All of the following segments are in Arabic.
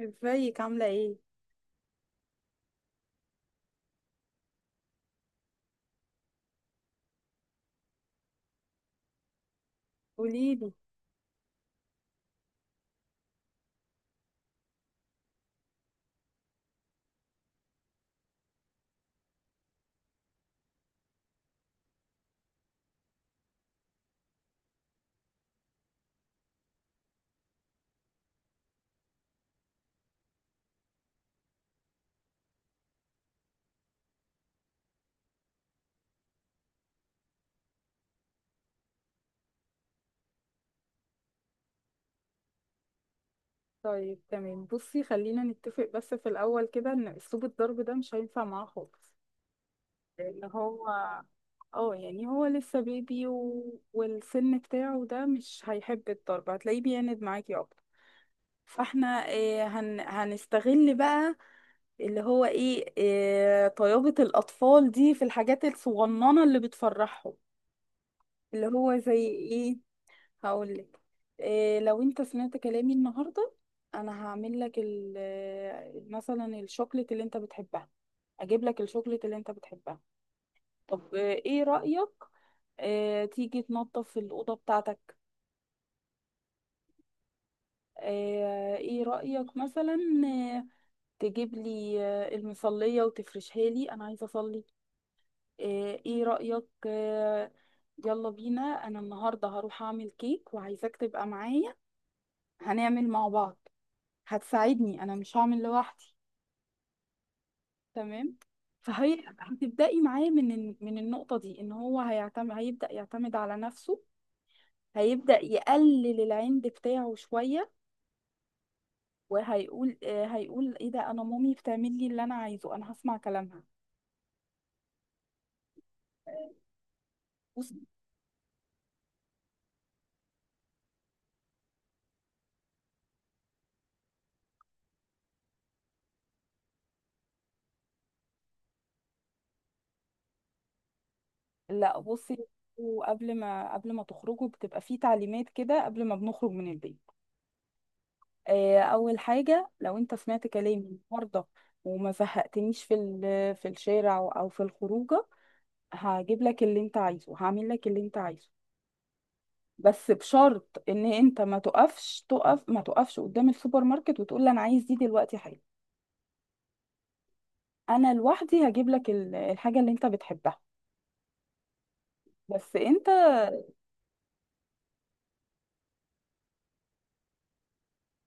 ازيك عاملة ايه؟ قوليلي. طيب تمام، بصي خلينا نتفق بس في الأول كده ان اسلوب الضرب ده مش هينفع معاه خالص. لأن هو هو لسه بيبي والسن بتاعه ده مش هيحب الضرب، هتلاقيه بيعند معاكي اكتر. فاحنا إيه، هنستغل بقى اللي هو ايه, إيه طيابة الأطفال دي في الحاجات الصغننة اللي بتفرحهم. اللي هو زي ايه، هقول لك. إيه، لو انت سمعت كلامي النهارده انا هعمل لك مثلا الشوكليت اللي انت بتحبها، اجيب لك الشوكليت اللي انت بتحبها. طب ايه رأيك، تيجي تنظف الأوضة بتاعتك. ايه رأيك مثلا، آه، تجيب لي المصلية وتفرشها، لي انا عايزة اصلي. ايه رأيك، يلا بينا انا النهارده هروح اعمل كيك وعايزاك تبقى معايا، هنعمل مع بعض، هتساعدني انا مش هعمل لوحدي. تمام، فهي هتبدأي معاه من من النقطة دي ان هو هيبدأ يعتمد على نفسه، هيبدأ يقلل العند بتاعه شوية، وهيقول هيقول ايه ده، انا مامي بتعمل لي اللي انا عايزه، انا هسمع كلامها. بصي. لا بصي، وقبل ما تخرجوا بتبقى في تعليمات كده قبل ما بنخرج من البيت. اول حاجه، لو انت سمعت كلامي النهارده وما زهقتنيش في في الشارع او في الخروجه، هجيب لك اللي انت عايزه، هعمل لك اللي انت عايزه. بس بشرط ان انت ما تقفش قدام السوبر ماركت وتقول لي انا عايز دي دلوقتي حالا. انا لوحدي هجيب لك الحاجه اللي انت بتحبها. بس انت.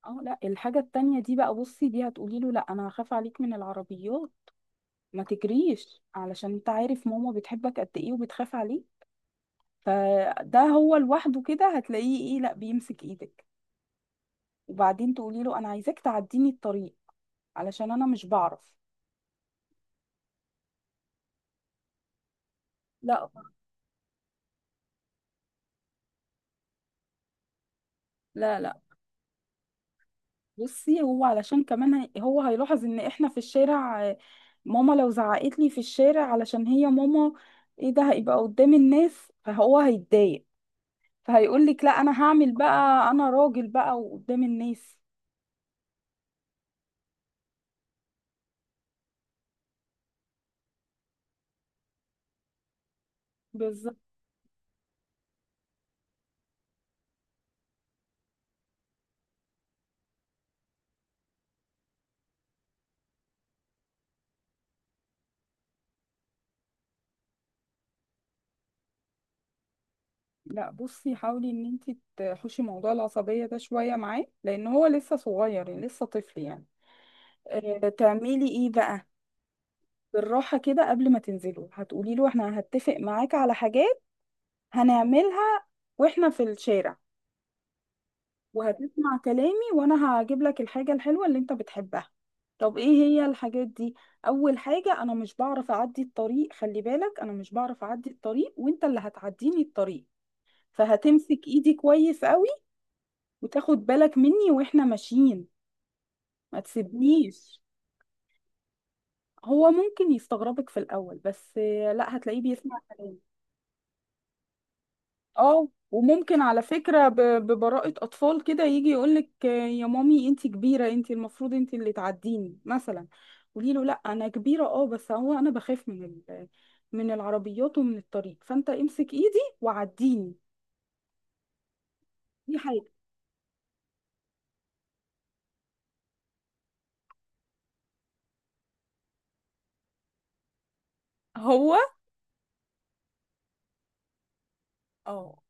اه لا، الحاجه التانية دي بقى، بصي دي هتقولي له لا انا هخاف عليك من العربيات، ما تجريش علشان انت عارف ماما بتحبك قد ايه وبتخاف عليك. فده هو لوحده كده هتلاقيه ايه، لا بيمسك ايدك. وبعدين تقولي له انا عايزاك تعديني الطريق علشان انا مش بعرف. لا. لا. لا بصي، هو علشان كمان هو هيلاحظ ان احنا في الشارع. ماما لو زعقت لي في الشارع علشان هي ماما، ايه ده هيبقى قدام الناس فهو هيتضايق، فهيقول لك لا انا هعمل بقى انا راجل بقى وقدام الناس. بالظبط. لا بصي، حاولي ان انت تحوشي موضوع العصبية ده شوية معاه لان هو لسه صغير يعني لسه طفل يعني. تعملي ايه بقى. بالراحة كده قبل ما تنزلوا هتقولي له احنا هتفق معاك على حاجات هنعملها واحنا في الشارع، وهتسمع كلامي وانا هجيب لك الحاجة الحلوة اللي انت بتحبها. طب ايه هي الحاجات دي. اول حاجة، انا مش بعرف اعدي الطريق، خلي بالك انا مش بعرف اعدي الطريق وانت اللي هتعديني الطريق، فهتمسك ايدي كويس قوي وتاخد بالك مني واحنا ماشيين، ما تسيبنيش. هو ممكن يستغربك في الاول بس لا هتلاقيه بيسمع كلامي. اه، وممكن على فكرة ببراءة أطفال كده يجي يقولك يا مامي انتي كبيرة، انتي المفروض انتي اللي تعديني مثلا. قولي له لا أنا كبيرة اه بس هو أنا بخاف من من العربيات ومن الطريق فأنت امسك إيدي وعديني. دي حاجة. هو اه،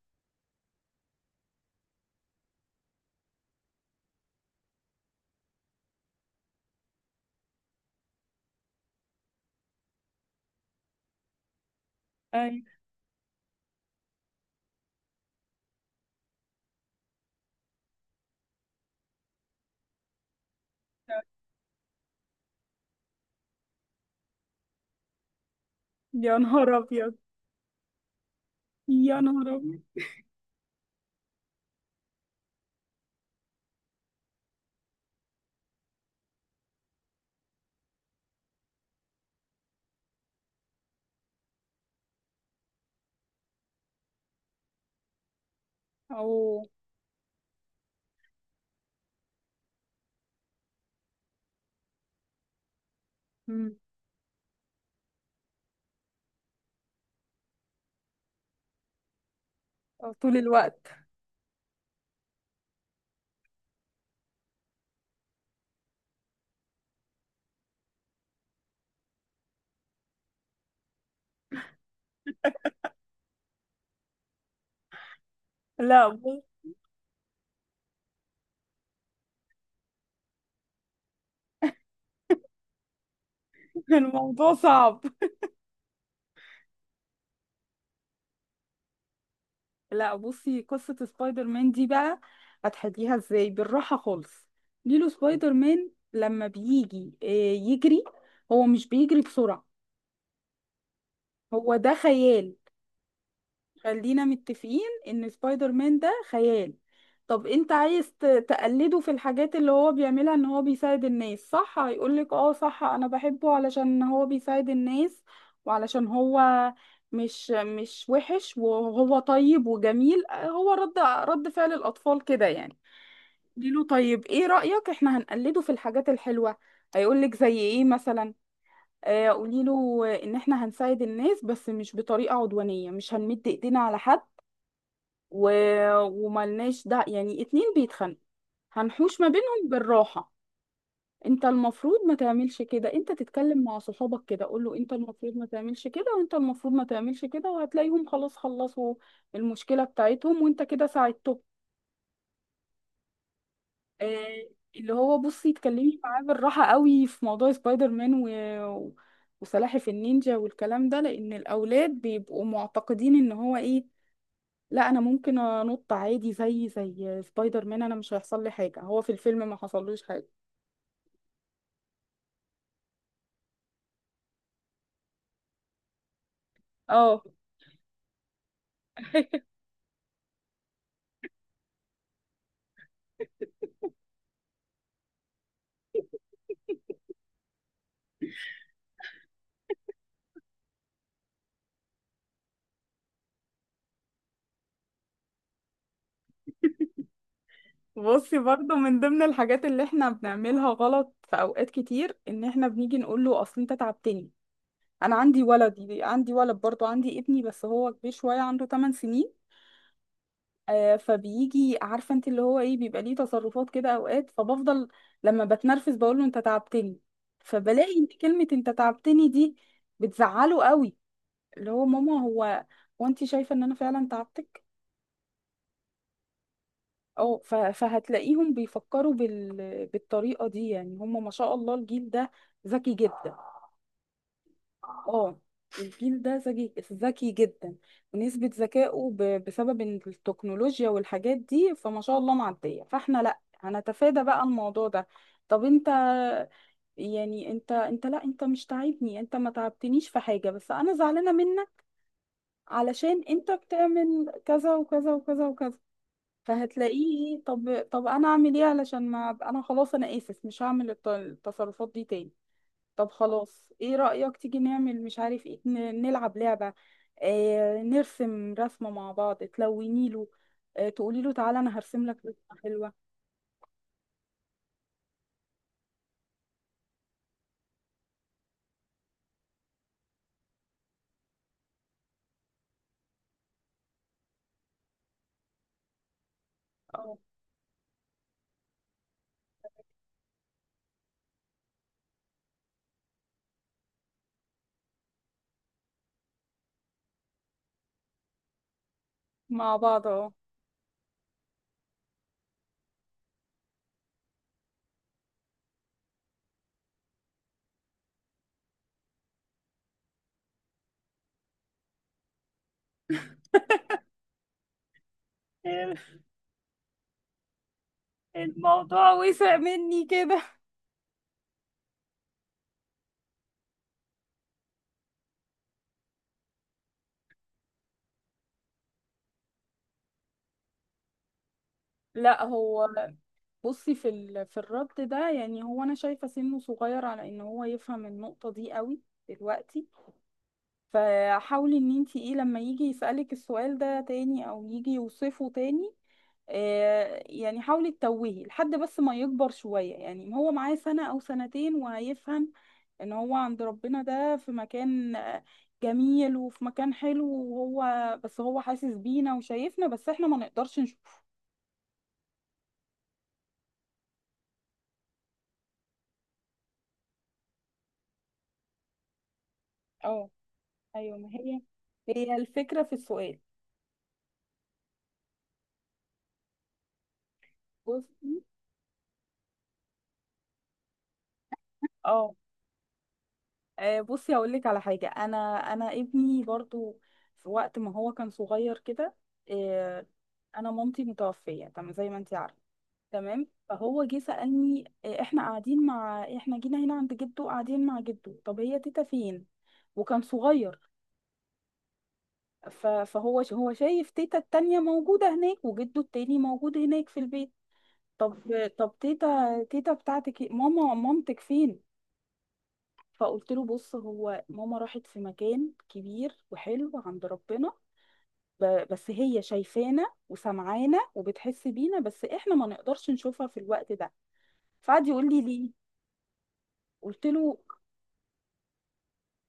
أي. يا نهار أبيض، يا نهار أبيض. أو. مم. طول الوقت. لا بص، الموضوع صعب. لا بصي، قصة سبايدر مان دي بقى هتحليها ازاي بالراحة خالص. ليلو سبايدر مان لما بيجي يجري، هو مش بيجري بسرعة، هو ده خيال. خلينا متفقين ان سبايدر مان ده خيال. طب انت عايز تقلده في الحاجات اللي هو بيعملها ان هو بيساعد الناس، صح، هيقولك اه صح انا بحبه علشان هو بيساعد الناس وعلشان هو مش وحش وهو طيب وجميل. هو رد فعل الاطفال كده يعني. له طيب ايه رأيك احنا هنقلده في الحاجات الحلوة، هيقولك زي ايه مثلا. قوليله ان احنا هنساعد الناس بس مش بطريقة عدوانية، مش هنمد ايدينا على حد. و... وملناش ده يعني اتنين بيتخانقوا، هنحوش ما بينهم بالراحة. انت المفروض ما تعملش كده، انت تتكلم مع صحابك كده قول له انت المفروض ما تعملش كده وانت المفروض ما تعملش كده، وهتلاقيهم خلاص خلصوا المشكلة بتاعتهم وانت كده ساعدته. آه، اللي هو بصي اتكلمي معاه بالراحة قوي في موضوع سبايدر مان و- وسلاحف النينجا والكلام ده، لان الاولاد بيبقوا معتقدين ان هو ايه، لا انا ممكن انط عادي زي سبايدر مان، انا مش هيحصل لي حاجه هو في الفيلم ما حصلوش حاجه. اه بصي، برضو من ضمن الحاجات اللي احنا بنعملها غلط في اوقات كتير ان احنا بنيجي نقول له اصل انت تعبتني. انا عندي ولد برضو عندي ابني بس هو كبير شويه، عنده 8 سنين. آه فبيجي عارفه انت اللي هو ايه بيبقى ليه تصرفات كده اوقات، فبفضل لما بتنرفز بقول له انت تعبتني، فبلاقي ان كلمه انت تعبتني دي بتزعله قوي. اللي هو ماما، هو، وانت شايفة ان انا فعلا تعبتك. اه، فهتلاقيهم بيفكروا بالطريقة دي. يعني هم ما شاء الله الجيل ده ذكي جدا. اه، الجيل ده ذكي جدا، ونسبة ذكائه بسبب إن التكنولوجيا والحاجات دي فما شاء الله معدية، فاحنا لا هنتفادى بقى الموضوع ده. طب انت، يعني انت لا انت مش تعبني، انت ما تعبتنيش في حاجة، بس انا زعلانة منك علشان انت بتعمل كذا وكذا وكذا وكذا. فهتلاقيه إيه، طب انا اعمل ايه علشان ما أبقى- انا خلاص انا اسف مش هعمل التصرفات دي تاني. طب خلاص، ايه رأيك تيجي نعمل مش عارف ايه، نلعب لعبة. آه نرسم رسمة مع بعض تلوني له. آه تقولي له تعالى انا هرسم لك رسمة حلوة. اه مع بعض. اه الموضوع وسع مني كده. لا هو بصي في في الرد ده، يعني هو انا شايفة سنه صغير على ان هو يفهم النقطة دي قوي دلوقتي. فحاولي ان انت ايه لما يجي يسألك السؤال ده تاني او يجي يوصفه تاني، يعني حاولي تتوهي لحد بس ما يكبر شوية، يعني هو معاه سنة او سنتين وهيفهم ان هو عند ربنا ده في مكان جميل، وفي مكان حلو، وهو بس هو حاسس بينا وشايفنا بس احنا ما نقدرش نشوفه. اه ايوه ما هي، هي الفكرة في السؤال. بصي. اه. بصي هقول لك على حاجه. انا انا ابني برضو في وقت ما هو كان صغير كده، آه، انا مامتي متوفيه تمام زي ما انت عارفه. تمام، فهو جه سالني احنا قاعدين مع احنا جينا هنا عند جده قاعدين مع جده، طب هي تيتا فين. وكان صغير. فهو هو شايف تيتا التانية موجوده هناك وجده التاني موجود هناك في البيت. طب، طب تيتا بتاعتك إيه؟ ماما، مامتك فين. فقلت له بص هو ماما راحت في مكان كبير وحلو عند ربنا، بس هي شايفانا وسمعانا وبتحس بينا بس احنا ما نقدرش نشوفها في الوقت ده. فقعد يقول لي ليه. قلت له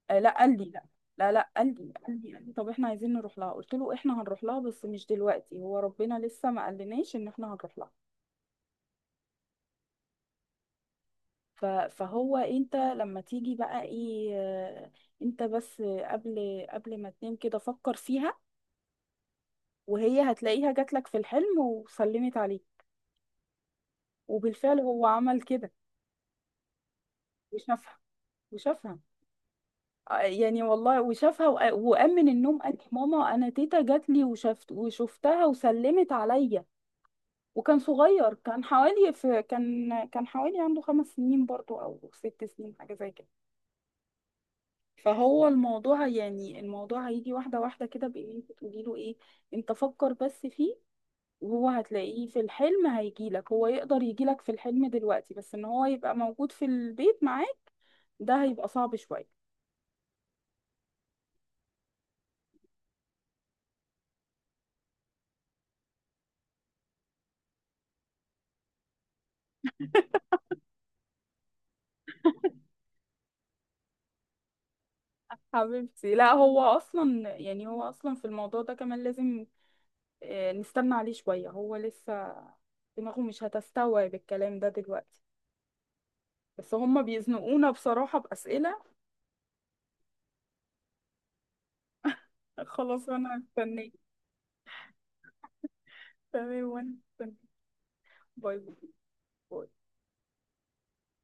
لا قال لي لا. لا لا، قال لي طب احنا عايزين نروح لها. قلت له احنا هنروح لها بس مش دلوقتي، هو ربنا لسه ما قالناش ان احنا هنروح لها. ف- فهو انت لما تيجي بقى ايه، انت بس قبل ما تنام كده فكر فيها، وهي هتلاقيها جاتلك في الحلم وسلمت عليه. وبالفعل هو عمل كده، وشافها، وشافها. يعني والله وشافها، وقام من النوم قال لي، ماما انا تيتا جات لي، وشفت وشفتها وسلمت عليا. وكان صغير، كان حوالي عنده 5 سنين برضو او 6 سنين حاجه زي كده. فهو الموضوع يعني الموضوع هيجي واحده واحده كده، بان انت تقولي له ايه، انت فكر بس فيه، وهو هتلاقيه في الحلم هيجيلك، هو يقدر يجيلك في الحلم دلوقتي بس ان هو يبقى موجود في البيت معاك ده هيبقى صعب شوية. حبيبتي لا، هو اصلا في الموضوع ده كمان لازم نستنى عليه شوية، هو لسه دماغه مش هتستوعب الكلام ده دلوقتي. بس هما بيزنقونا بصراحة بأسئلة. خلاص انا هستناك. تمام وانا هستناك. باي. باي.